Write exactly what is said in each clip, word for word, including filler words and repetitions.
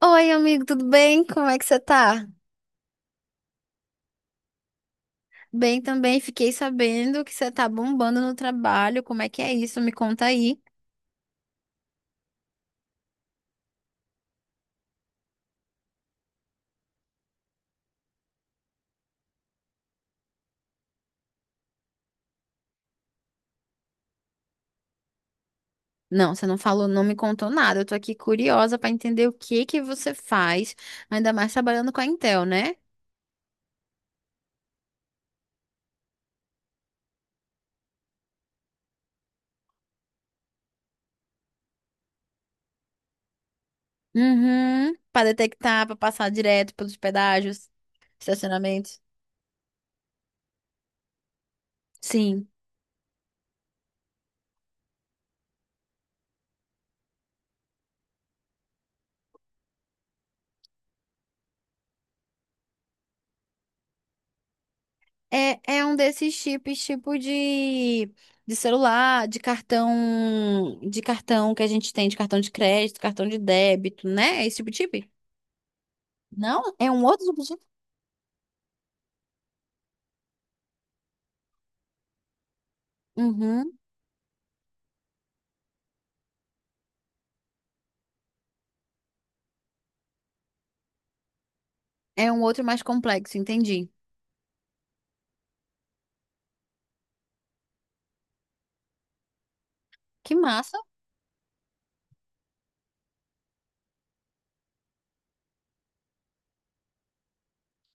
Oi, amigo, tudo bem? Como é que você tá? Bem também, fiquei sabendo que você tá bombando no trabalho. Como é que é isso? Me conta aí. Não, você não falou, não me contou nada. Eu tô aqui curiosa pra entender o que que você faz, ainda mais trabalhando com a Intel, né? Uhum, para detectar, pra passar direto pelos pedágios, estacionamentos. Sim. É, é um desses chips, tipo de, de, celular, de cartão, de cartão que a gente tem, de cartão de crédito, cartão de débito, né? É esse tipo de chip? Não, é um outro tipo de chip? Uhum, é um outro mais complexo, entendi. Que massa.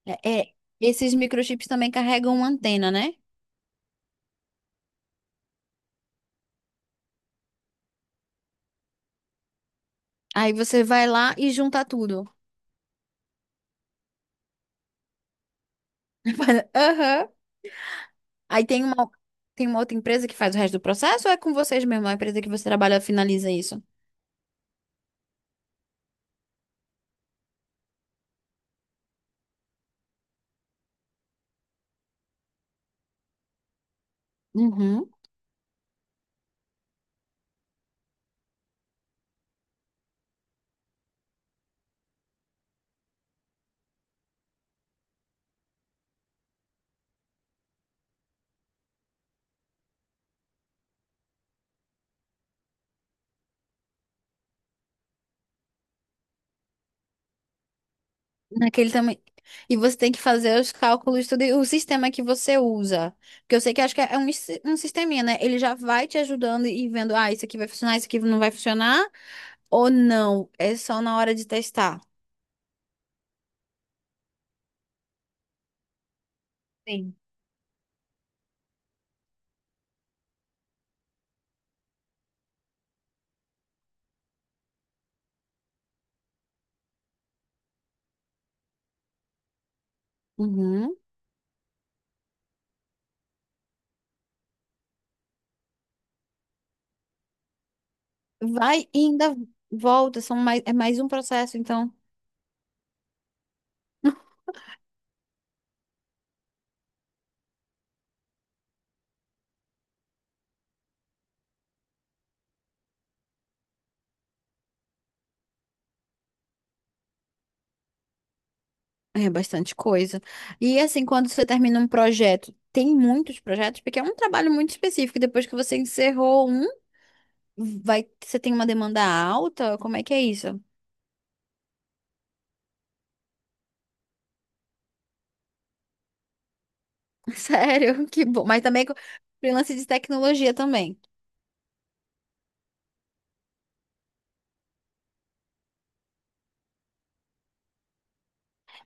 É, é, esses microchips também carregam uma antena, né? Aí você vai lá e junta tudo. Aham. Aí tem uma, tem uma outra empresa que faz o resto do processo ou é com vocês mesmo? É A empresa que você trabalha finaliza isso? Uhum. Naquele também. E você tem que fazer os cálculos, tudo, e o sistema que você usa. Porque eu sei que acho que é um, sis- um sisteminha, né? Ele já vai te ajudando e vendo, ah, isso aqui vai funcionar, isso aqui não vai funcionar, ou não. É só na hora de testar. Sim. Uhum. Vai e ainda volta, são mais, é mais um processo, então é bastante coisa. E assim, quando você termina um projeto, tem muitos projetos, porque é um trabalho muito específico. Depois que você encerrou um, vai, você tem uma demanda alta? Como é que é isso? Sério, que bom. Mas também co- freelance de tecnologia também.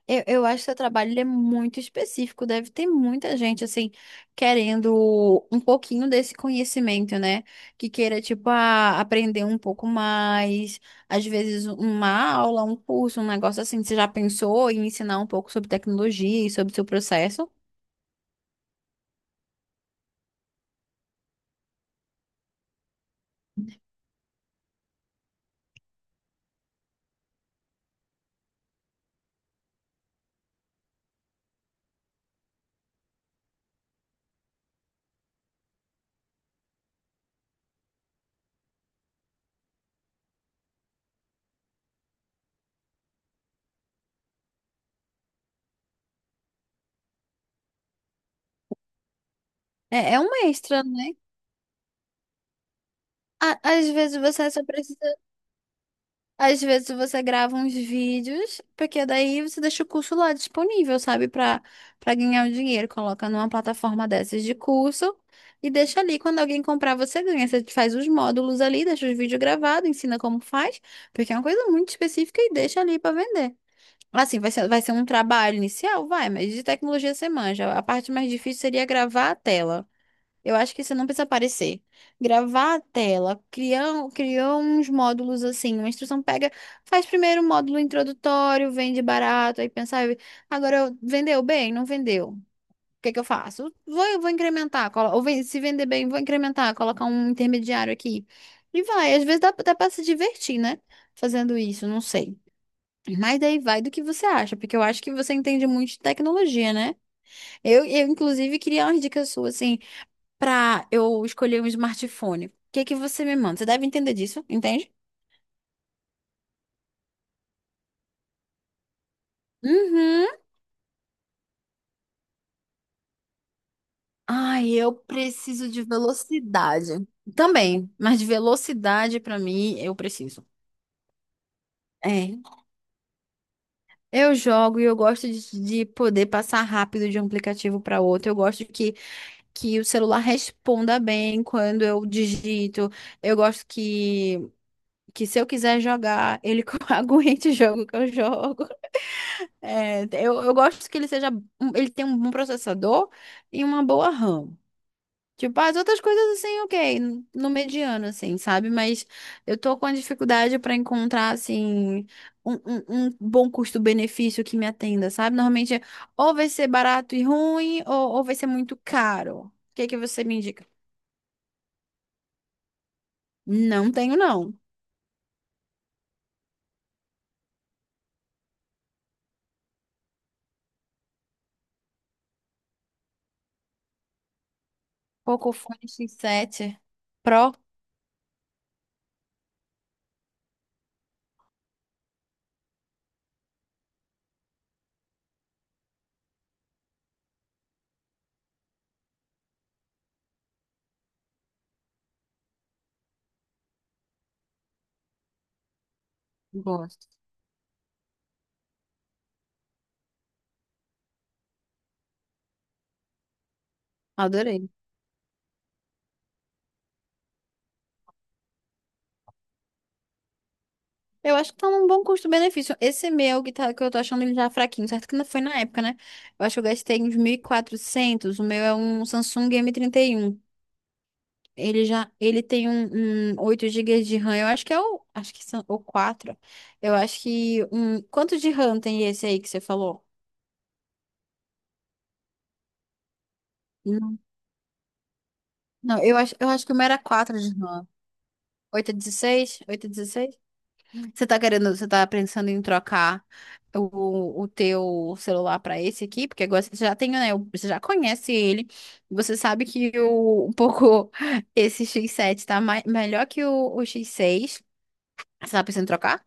Eu, eu acho que seu trabalho ele é muito específico. Deve ter muita gente, assim, querendo um pouquinho desse conhecimento, né? Que queira, tipo, ah, aprender um pouco mais. Às vezes, uma aula, um curso, um negócio assim. Você já pensou em ensinar um pouco sobre tecnologia e sobre o seu processo? É, é um extra, né? A- Às vezes você só precisa. Às vezes você grava uns vídeos, porque daí você deixa o curso lá disponível, sabe? Pra, pra ganhar o dinheiro. Coloca numa plataforma dessas de curso e deixa ali. Quando alguém comprar, você ganha. Você faz os módulos ali, deixa os vídeos gravados, ensina como faz, porque é uma coisa muito específica e deixa ali pra vender. Assim, vai ser, vai ser um trabalho inicial? Vai, mas de tecnologia você manja. A parte mais difícil seria gravar a tela. Eu acho que você não precisa aparecer. Gravar a tela, criou, criou uns módulos assim, uma instrução pega, faz primeiro um módulo introdutório, vende barato, aí pensar agora eu- vendeu bem, não vendeu. O que que eu faço? Vou, eu vou incrementar, colo- ou ven- se vender bem, vou incrementar, colocar um intermediário aqui. E vai, às vezes dá, dá para se divertir, né? Fazendo isso, não sei. Mas daí vai do que você acha, porque eu acho que você entende muito de tecnologia, né? Eu, eu inclusive, queria umas dicas suas, assim, pra eu escolher um smartphone. O que que você me manda? Você deve entender disso, entende? Uhum. Ai, eu preciso de velocidade. Também, mas de velocidade pra mim eu preciso. É. Eu jogo e eu gosto de, de poder passar rápido de um aplicativo para outro. Eu gosto que, que o celular responda bem quando eu digito. Eu gosto que, que se eu quiser jogar, ele aguente o jogo que eu jogo. É, eu, eu gosto que ele seja, um- Ele tem um bom processador e uma boa RAM. Tipo, as outras coisas assim, ok, no no mediano, assim, sabe? Mas eu tô com a dificuldade pra encontrar, assim, um, um, um bom custo-benefício que me atenda, sabe? Normalmente, é, ou vai ser barato e ruim, ou, ou vai ser muito caro. O que que você me indica? Não tenho, não. Pocophone X sete Pro, gosto. Adorei. Eu acho que tá num bom custo-benefício. Esse meu que, tá, que eu tô achando ele já fraquinho, certo que não foi na época, né? Eu acho que eu gastei uns mil e quatrocentos. O meu é um Samsung m trinta e um. Ele já, ele tem um, um oito gigas de RAM. Eu acho que é o, acho que são o quatro. Eu acho que um, quanto de RAM tem esse aí que você falou? Não, não, eu acho, eu acho que o meu era quatro de RAM. Oito é dezesseis? oito é dezesseis? Você tá querendo, você tá pensando em trocar o, o teu celular pra esse aqui? Porque agora você já tem, né? o- Você já conhece ele. Você sabe que o, um pouco esse x sete tá mai, melhor que o, o x seis. Você tá pensando em trocar?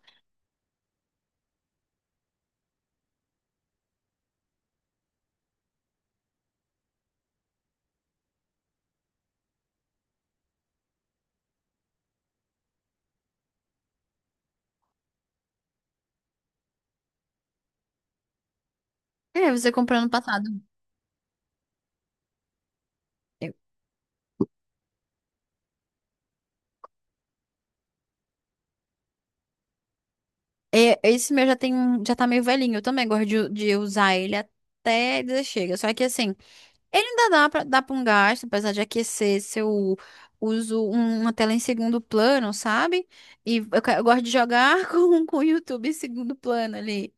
É, você comprou ano passado. Eu- é, Esse meu já tem, um- já tá meio velhinho. Eu também gosto de, de usar ele até dizer chega. Só que assim. Ele ainda dá pra dar pra um gasto, apesar de aquecer se eu uso um- uma tela em segundo plano, sabe? E eu, ca- eu gosto de jogar com, com o YouTube em segundo plano ali.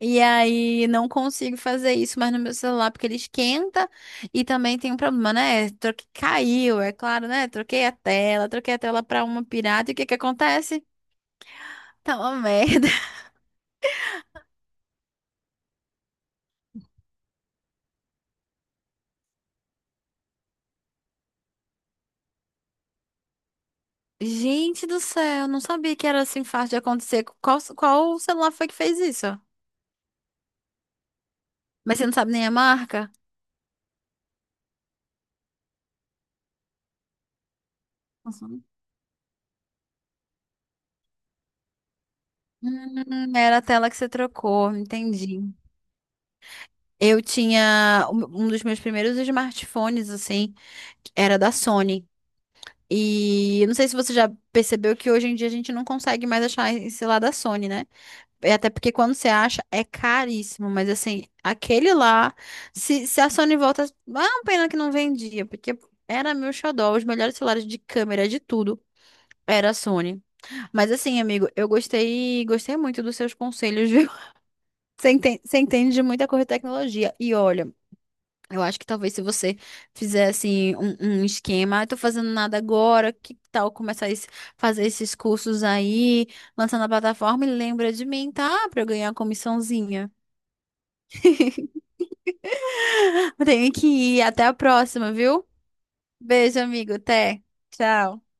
E aí não consigo fazer isso mais no meu celular, porque ele esquenta e também tem um problema, né? Troque, caiu, é claro, né? Troquei a tela, troquei a tela pra uma pirata e o que que acontece? Tá uma merda. Gente do céu, não sabia que era assim fácil de acontecer. Qual, qual celular foi que fez isso? Mas você não sabe nem a marca? Uhum. Hum, era a tela que você trocou, entendi. Eu tinha um um dos meus primeiros smartphones, assim, que era da Sony. E eu não sei se você já percebeu que hoje em dia a gente não consegue mais achar esse lá da Sony, né? É. Até porque quando você acha é caríssimo, mas assim, aquele lá, se, se a Sony volta, ah, uma pena que não vendia, porque era meu xodó, os melhores celulares de câmera, de tudo, era a Sony. Mas assim, amigo, eu gostei, gostei, muito dos seus conselhos. Você entende, você entende de muita coisa de tecnologia. E olha, eu acho que talvez se você fizesse um, um esquema, ah, tô fazendo nada agora, que tal começar a fazer esses cursos aí, lançar na plataforma e lembra de mim, tá? Pra eu ganhar uma comissãozinha. Eu tenho que ir. Até a próxima, viu? Beijo, amigo. Até. Tchau.